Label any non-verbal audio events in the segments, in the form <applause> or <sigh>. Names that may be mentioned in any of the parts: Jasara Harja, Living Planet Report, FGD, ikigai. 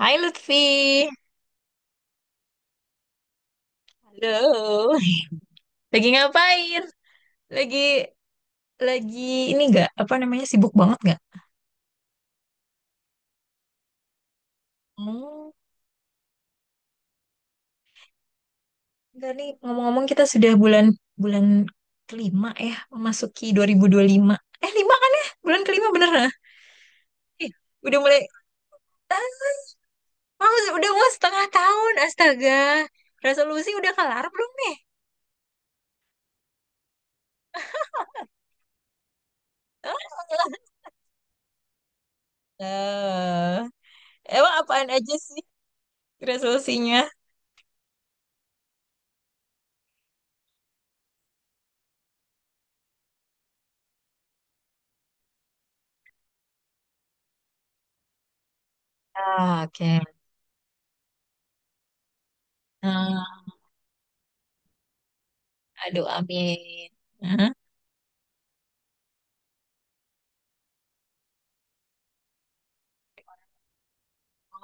Hai Lutfi, halo. Lagi ngapain? Lagi lagi ini nggak apa namanya sibuk banget nggak? Oh, enggak nih. Ngomong-ngomong kita sudah bulan bulan kelima ya, memasuki dua ribu lima. Eh lima kan ya? Bulan kelima bener lah. Ih, udah mulai. Ah, udah mau setengah tahun, astaga. Resolusi udah kelar belum nih? <laughs> Eh, emang apaan aja sih resolusinya? Ah, oke. Nah, aduh, amin. Hah?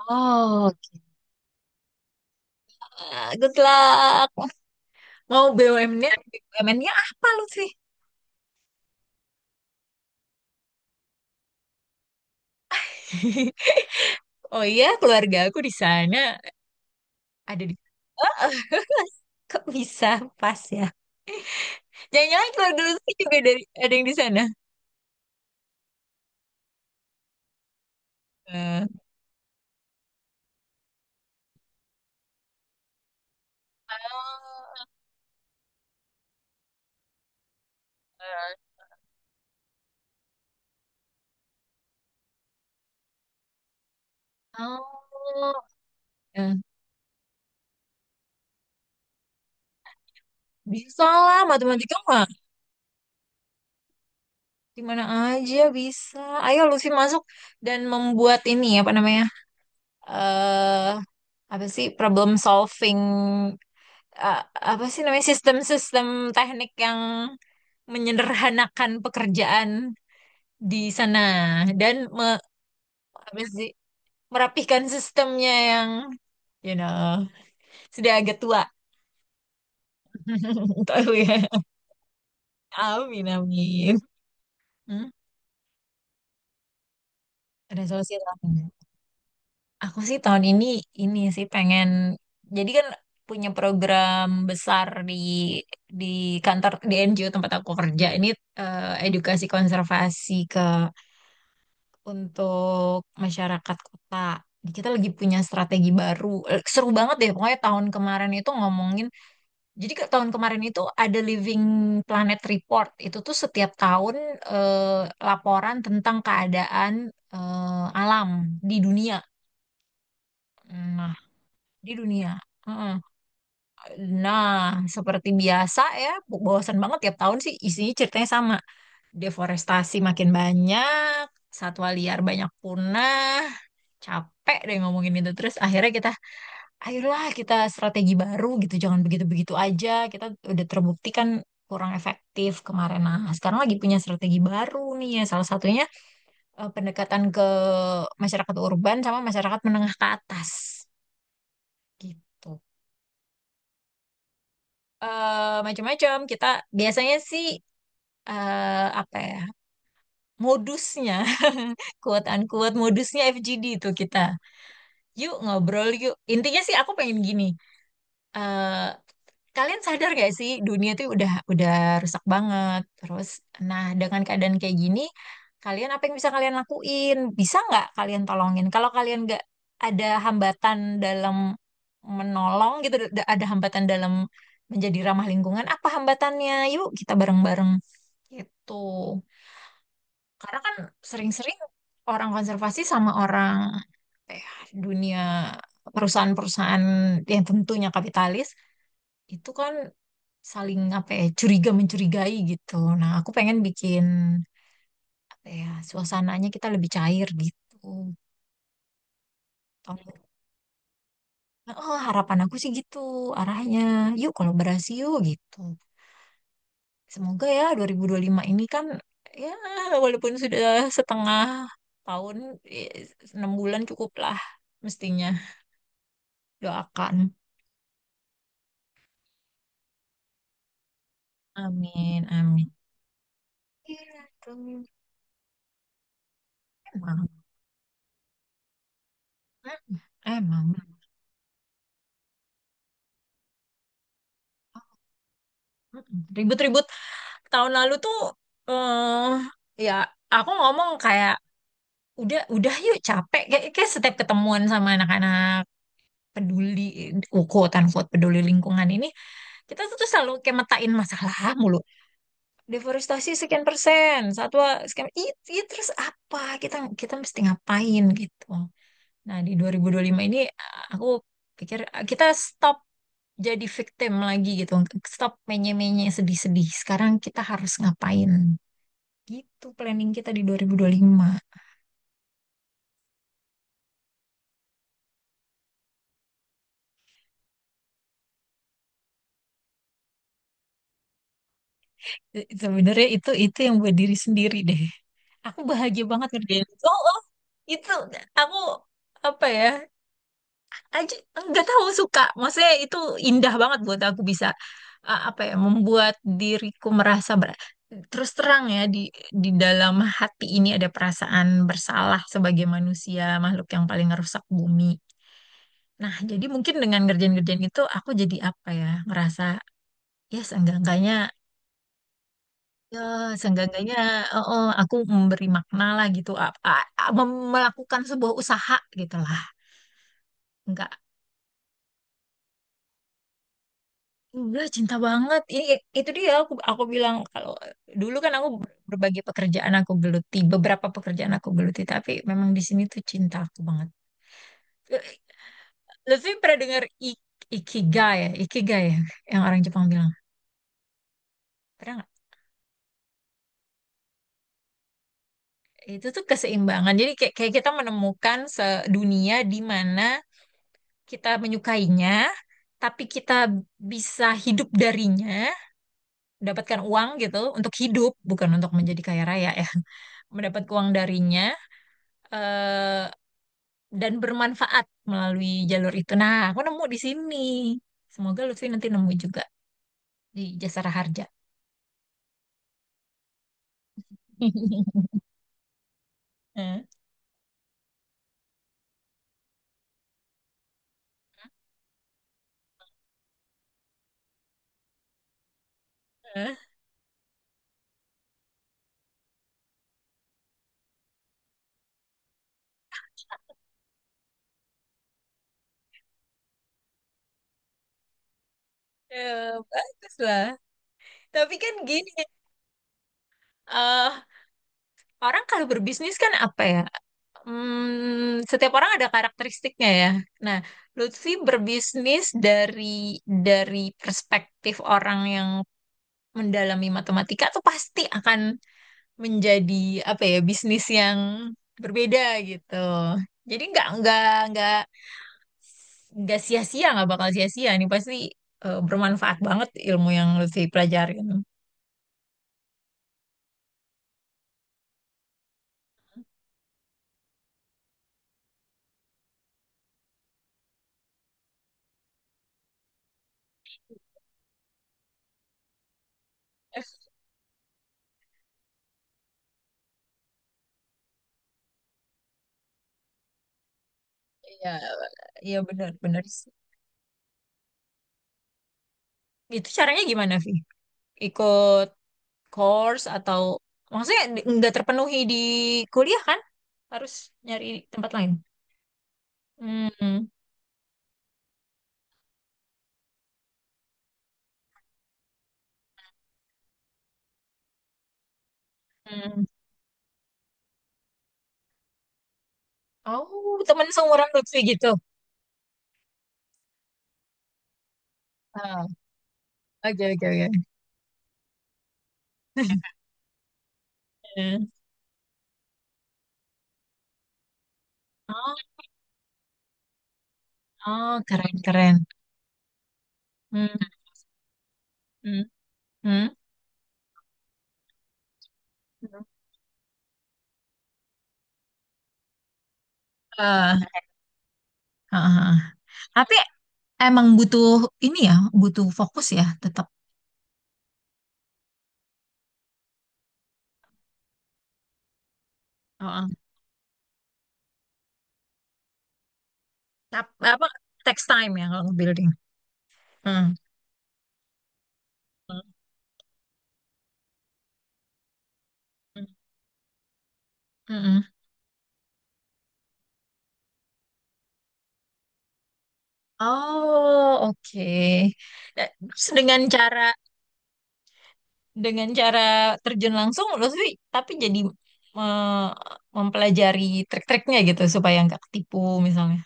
Oh, gitu. Ah, good luck. Mau BUMN-nya, BUMN-nya apa lu sih? <laughs> Oh iya, keluarga aku di sana ada di <laughs> kok bisa pas ya. Jangan-jangan keluarga lu sih juga dari ada yang di sana. Eh, Oh, eh, bisa lah matematika mah di mana aja bisa. Ayo Lucy masuk dan membuat ini apa namanya? Eh apa sih problem solving, eh, apa sih namanya sistem-sistem teknik yang menyederhanakan pekerjaan di sana dan apa sih, merapihkan sistemnya yang you know sudah agak tua <laughs> tahu ya, amin amin. Hmm? Resolusi tahun ini. Aku sih tahun ini sih pengen, jadi kan punya program besar di kantor di NGO tempat aku kerja ini, edukasi konservasi ke untuk masyarakat kota. Jadi kita lagi punya strategi baru. Seru banget deh, pokoknya tahun kemarin itu ngomongin. Jadi ke tahun kemarin itu ada Living Planet Report. Itu tuh setiap tahun, eh, laporan tentang keadaan, alam di dunia. Nah, di dunia. Heeh. Nah, seperti biasa ya, bosan banget tiap tahun sih isinya ceritanya sama. Deforestasi makin banyak, satwa liar banyak punah, capek deh ngomongin itu. Terus akhirnya kita, ayolah kita strategi baru gitu, jangan begitu-begitu aja. Kita udah terbukti kan kurang efektif kemarin. Nah, sekarang lagi punya strategi baru nih ya. Salah satunya, pendekatan ke masyarakat urban sama masyarakat menengah ke atas gitu. Eh, macam-macam. Kita biasanya sih, apa ya, modusnya, <laughs> quote unquote modusnya FGD itu kita yuk ngobrol yuk. Intinya sih aku pengen gini. eh, Kalian sadar gak sih dunia tuh udah rusak banget. Terus, nah dengan keadaan kayak gini, kalian apa yang bisa kalian lakuin? Bisa nggak kalian tolongin? Kalau kalian nggak ada hambatan dalam menolong gitu, ada hambatan dalam menjadi ramah lingkungan, apa hambatannya? Yuk kita bareng-bareng gitu. Karena kan sering-sering orang konservasi sama orang, eh, dunia perusahaan-perusahaan yang tentunya kapitalis itu kan saling apa ya curiga mencurigai gitu. Nah, aku pengen bikin apa ya suasananya kita lebih cair gitu. Tahun- Oh, harapan aku sih gitu arahnya. Yuk kolaborasi yuk gitu. Semoga ya dua dua ribu dua puluh lima ini kan ya, walaupun sudah setengah tahun, eh, enam bulan cukup lah mestinya, doakan. Amin, amin. Iya, itu. Mm, emang. Mm, ribut-ribut tahun lalu tuh, eh ya, aku ngomong kayak udah yuk capek kayak, kayak setiap ketemuan sama anak-anak peduli, quote unquote peduli lingkungan ini, kita tuh selalu kayak metain masalah mulu, deforestasi sekian persen satwa sekian terus apa kita kita mesti ngapain gitu. Nah, di dua dua ribu dua puluh lima ini, aku pikir, kita stop jadi victim lagi gitu. Stop menye-menye sedih-sedih. Sekarang kita harus ngapain? Gitu planning kita di 2025. Sebenarnya itu yang buat diri sendiri deh. Aku bahagia banget ngerjain itu. Oh, oh, itu aku apa ya? Aja nggak tahu suka, maksudnya itu indah banget buat aku bisa, apa ya, membuat diriku merasa terus terang ya di dalam hati ini ada perasaan bersalah sebagai manusia makhluk yang paling ngerusak bumi. Nah jadi mungkin dengan ngerjain-ngerjain itu aku jadi apa ya ngerasa, ya seenggak-enggaknya, ya seenggak-enggaknya, oh, oh, aku memberi makna lah gitu, melakukan sebuah usaha gitu lah. Enggak. Udah cinta banget. Ini itu dia, aku bilang kalau dulu kan aku berbagai pekerjaan aku geluti, beberapa pekerjaan aku geluti, tapi memang di sini tuh cinta aku banget. Eh, Lutfi pernah dengar ik- ikigai ya, yang orang Jepang bilang. Pernah nggak? Itu tuh keseimbangan. Jadi kayak, kayak kita menemukan dunia di mana kita menyukainya, tapi kita bisa hidup darinya, mendapatkan uang gitu untuk hidup, bukan untuk menjadi kaya raya ya. <laughs> Mendapat uang darinya, eh, dan bermanfaat melalui jalur itu. Nah, aku nemu di sini. Semoga Lutfi nanti nemu juga di Jasara Harja. <laughs> Eh, eh, bagus lah. Tapi kan gini, eh, orang kalau berbisnis kan apa ya? Hmm, setiap orang ada karakteristiknya ya. Nah, Lutfi berbisnis dari dari perspektif orang yang mendalami matematika tuh pasti akan menjadi apa ya bisnis yang berbeda gitu. Jadi nggak nggak sia-sia, nggak bakal sia-sia nih pasti, bermanfaat banget ilmu yang Lutfi pelajarin. Iya, iya benar-benar sih. Itu caranya gimana, Vi? Ikut course atau maksudnya nggak terpenuhi di kuliah kan? Harus nyari tempat lain. Hmm, hmm. Oh, teman seumuran Lutfi gitu. Ah, oke oke oke. <laughs> Hmm. Oh, keren-keren. Hmm, hmm, hmm. Eh, ah, ah, ah. Tapi emang butuh ini ya, butuh fokus ya, tetap. Oh, ah. Apa text time ya kalau building. Hmm, hmm, hmm, hmm, hmm. Oh, oke. Eh, terus dengan cara, dengan cara terjun langsung, Lutfi, tapi jadi, eh, mempelajari trik-triknya gitu supaya nggak ketipu misalnya.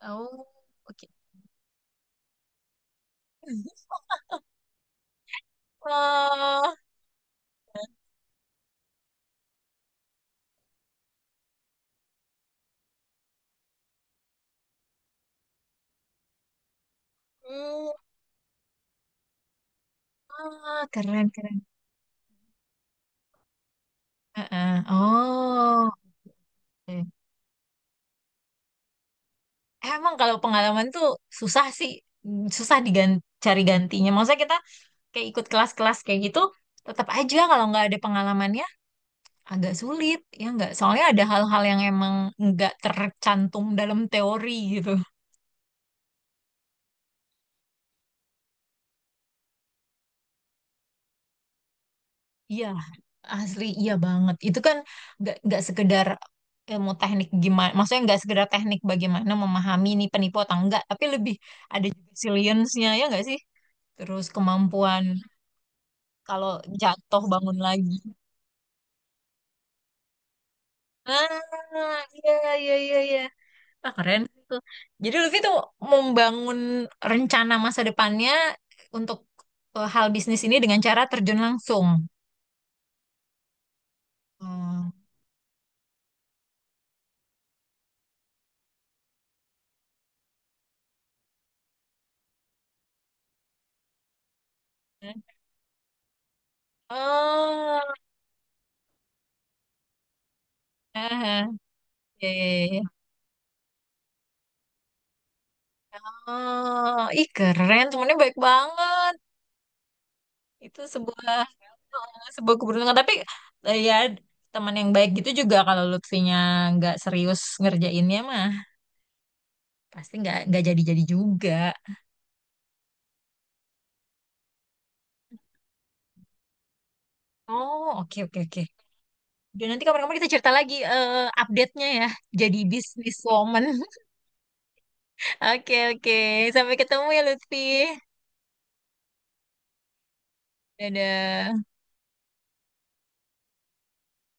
Oh, oke. <laughs> ah, hmm. Ah, keren, keren. Heeh. Oh, oke. Eh, emang kalau pengalaman tuh susah sih, mm, susah diganti, cari gantinya. Maksudnya kita kayak ikut kelas-kelas kayak gitu, tetap aja kalau nggak ada pengalamannya agak sulit, ya nggak? Soalnya ada hal-hal yang emang nggak tercantum dalam teori gitu. Iya, asli iya banget. Itu kan nggak sekedar ilmu teknik gimana, maksudnya nggak sekedar teknik bagaimana memahami ini penipu atau enggak, tapi lebih ada juga resilience-nya ya nggak sih? Terus kemampuan kalau jatuh bangun lagi. Ah, iya iya. Ah, keren tuh. Jadi Lutfi tuh membangun rencana masa depannya untuk, hal bisnis ini dengan cara terjun langsung. Hmm. Oh, ah, iya, iya, iya. Oh, ih keren, temennya baik banget. Itu sebuah sebuah keberuntungan. Tapi, ya, teman yang baik gitu juga kalau Lutfinya nggak serius ngerjainnya mah pasti nggak jadi-jadi juga. Oh, oke oke oke. Dan nanti kapan-kapan kita cerita lagi, update-nya ya. Jadi bisnis woman. <laughs> Oke oke. Sampai ketemu ya Lutfi. Dadah.